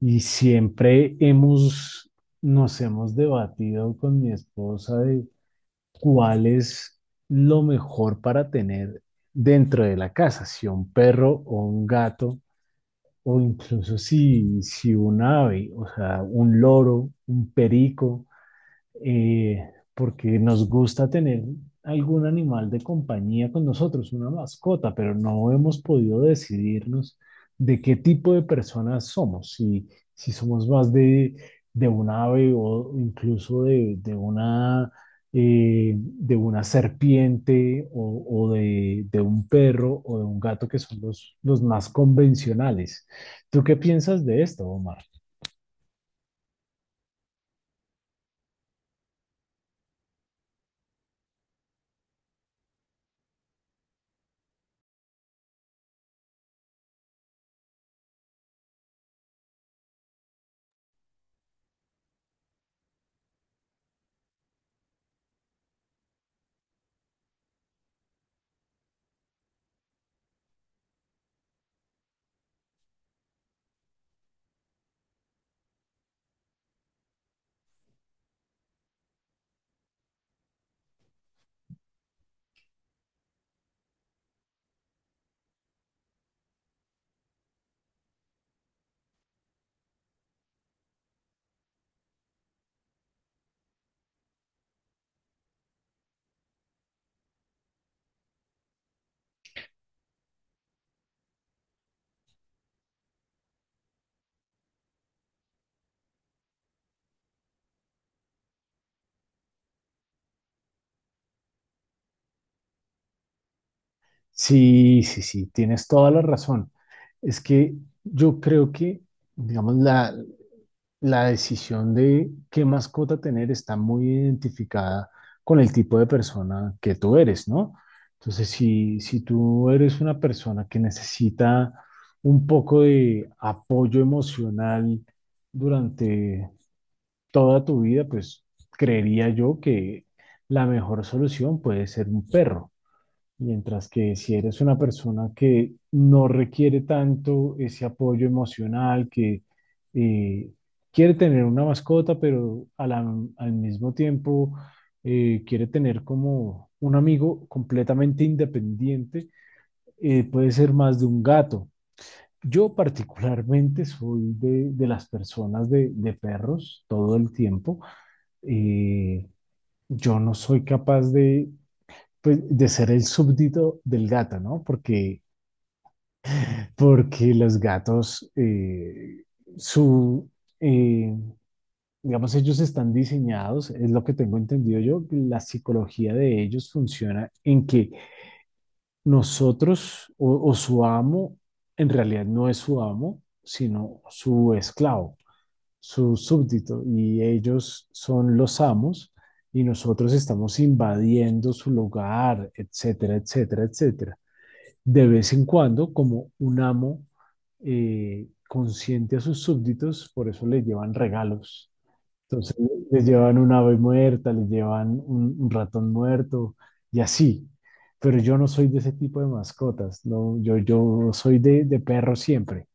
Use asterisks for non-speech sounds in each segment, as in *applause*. Y siempre nos hemos debatido con mi esposa de cuál es lo mejor para tener dentro de la casa, si un perro o un gato, o incluso si un ave, o sea, un loro, un perico eh, porque nos gusta tener algún animal de compañía con nosotros, una mascota, pero no hemos podido decidirnos de qué tipo de personas somos, si somos más de un ave o incluso de una serpiente o de un perro o de un gato, que son los más convencionales. ¿Tú qué piensas de esto, Omar? Sí, sí, sí, tienes toda la razón. Es que yo creo que, digamos, la decisión de qué mascota tener está muy identificada con el tipo de persona que tú eres, ¿no? Entonces, si tú eres una persona que necesita un poco de apoyo emocional durante toda tu vida, pues creería yo que la mejor solución puede ser un perro. Mientras que si eres una persona que no requiere tanto ese apoyo emocional, que eh, quiere tener una mascota, pero al mismo tiempo quiere tener como un amigo completamente independiente, puede ser más de un gato. Yo particularmente soy de las personas de perros todo el tiempo. Eh, yo no soy capaz de pues, de ser el súbdito del gato, ¿no? Porque los gatos, su, eh, digamos, ellos están diseñados, es lo que tengo entendido yo, que la psicología de ellos funciona en que nosotros o su amo, en realidad no es su amo, sino su esclavo, su súbdito, y ellos son los amos y nosotros estamos invadiendo su lugar, etcétera, etcétera, etcétera. De vez en cuando como un amo consciente a sus súbditos, por eso les llevan regalos. Entonces les llevan un ave muerta, les llevan un ratón muerto y así. Pero yo no soy de ese tipo de mascotas, no, yo soy de perro siempre.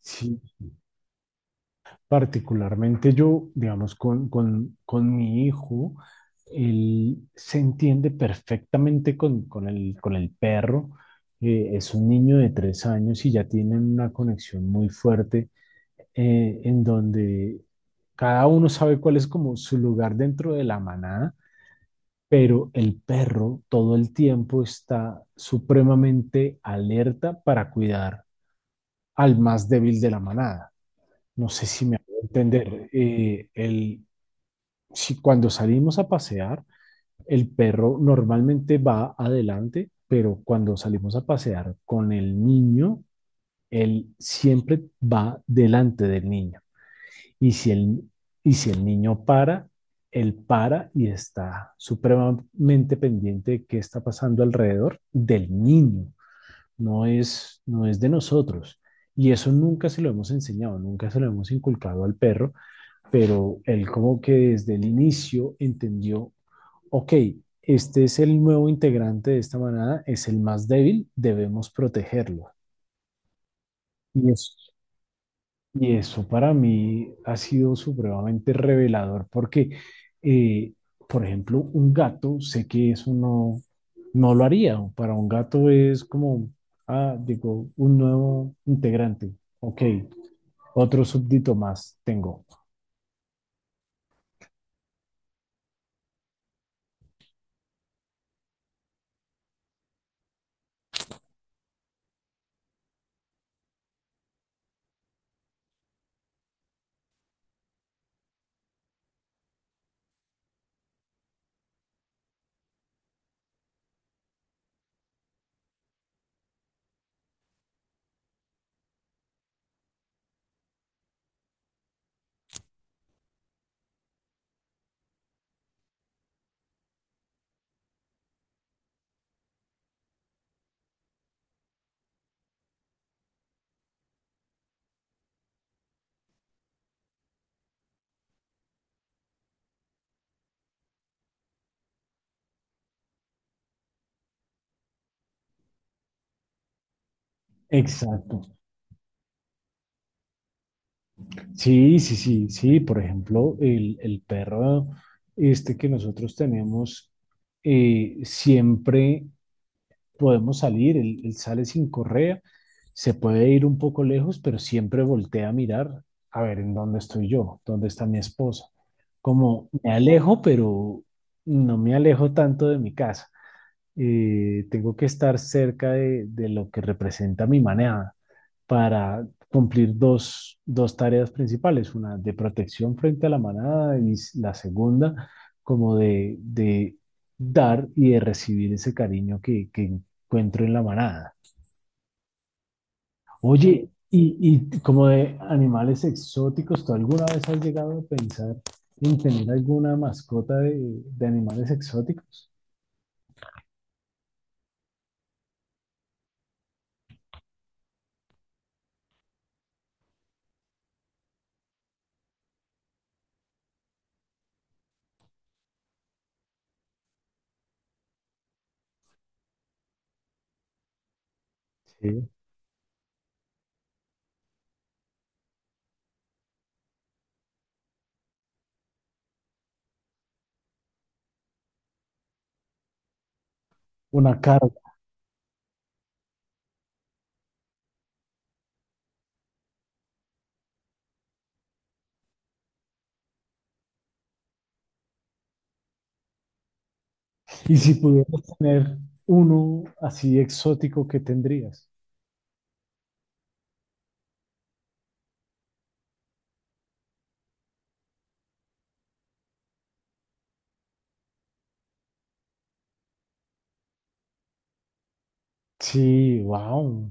Si Particularmente yo, digamos, con mi hijo, él se entiende perfectamente con con el perro. Es un niño de 3 años y ya tienen una conexión muy fuerte en donde cada uno sabe cuál es como su lugar dentro de la manada, pero el perro todo el tiempo está supremamente alerta para cuidar al más débil de la manada. No sé si me hago entender. Si cuando salimos a pasear, el perro normalmente va adelante, pero cuando salimos a pasear con el niño, él siempre va delante del niño. Y si el, y si el niño para, él para y está supremamente pendiente de qué está pasando alrededor del niño, no es de nosotros. Y eso nunca se lo hemos enseñado, nunca se lo hemos inculcado al perro, pero él como que desde el inicio entendió, ok, este es el nuevo integrante de esta manada, es el más débil, debemos protegerlo. Y eso, y eso para mí ha sido supremamente revelador porque, eh, por ejemplo, un gato, sé que eso no, no lo haría. Para un gato es como, ah, digo, un nuevo integrante, ok, otro súbdito más tengo. Exacto. Sí, sí, sí, sí. Por ejemplo, el perro este que nosotros tenemos, siempre podemos salir, él sale sin correa, se puede ir un poco lejos, pero siempre voltea a mirar a ver en dónde estoy yo, dónde está mi esposa. Como me alejo, pero no me alejo tanto de mi casa, tengo que estar cerca de lo que representa mi manada para cumplir dos, dos tareas principales, una de protección frente a la manada y la segunda como de dar y de recibir ese cariño que encuentro en la manada. Oye, y como de animales exóticos, ¿tú alguna vez has llegado a pensar en tener alguna mascota de animales exóticos? Sí. Una carpa. Y si pudieras tener uno así exótico, ¿qué tendrías? Sí, wow.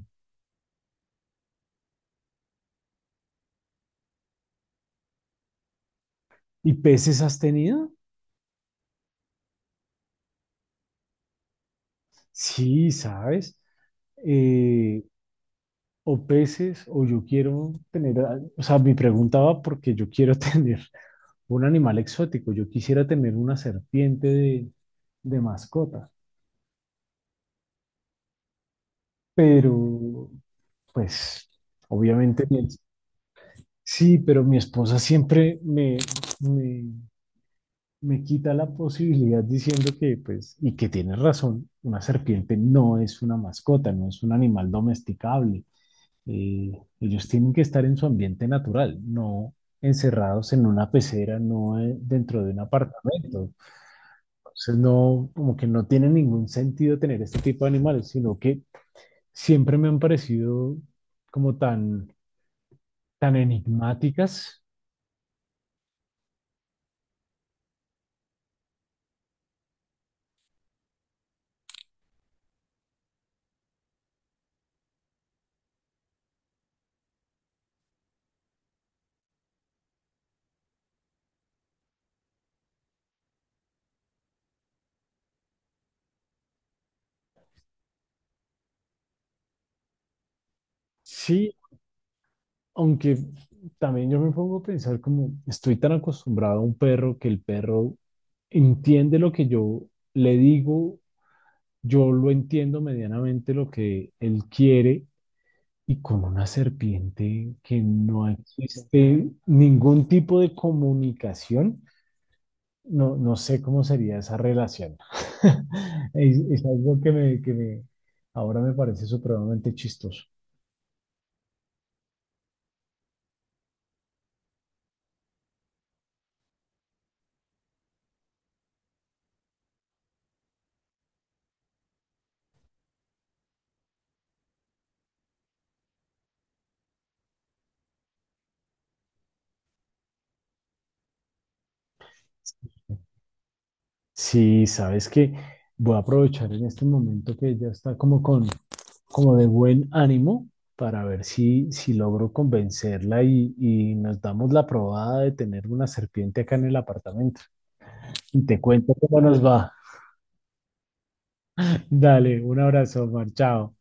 ¿Y peces has tenido? Sí, sabes. Eh, o peces, o yo quiero tener, o sea, mi pregunta va porque yo quiero *laughs* tener un animal exótico. Yo quisiera tener una serpiente de mascota, pero pues obviamente sí, pero mi esposa siempre me me quita la posibilidad diciendo que, pues, y que tienes razón, una serpiente no es una mascota, no es un animal domesticable. Eh, ellos tienen que estar en su ambiente natural, no encerrados en una pecera, no dentro de un apartamento. Entonces, no, como que no tiene ningún sentido tener este tipo de animales, sino que siempre me han parecido como tan, tan enigmáticas. Sí. Aunque también yo me pongo a pensar como estoy tan acostumbrado a un perro que el perro entiende lo que yo le digo, yo lo entiendo medianamente lo que él quiere y con una serpiente que no existe ningún tipo de comunicación, no, no sé cómo sería esa relación. *laughs* Es algo ahora me parece supremamente chistoso. Sí, sabes que voy a aprovechar en este momento que ya está como con, como de buen ánimo para ver si logro convencerla y nos damos la probada de tener una serpiente acá en el apartamento. Y te cuento cómo nos va. *laughs* Dale, un abrazo, Omar, chao.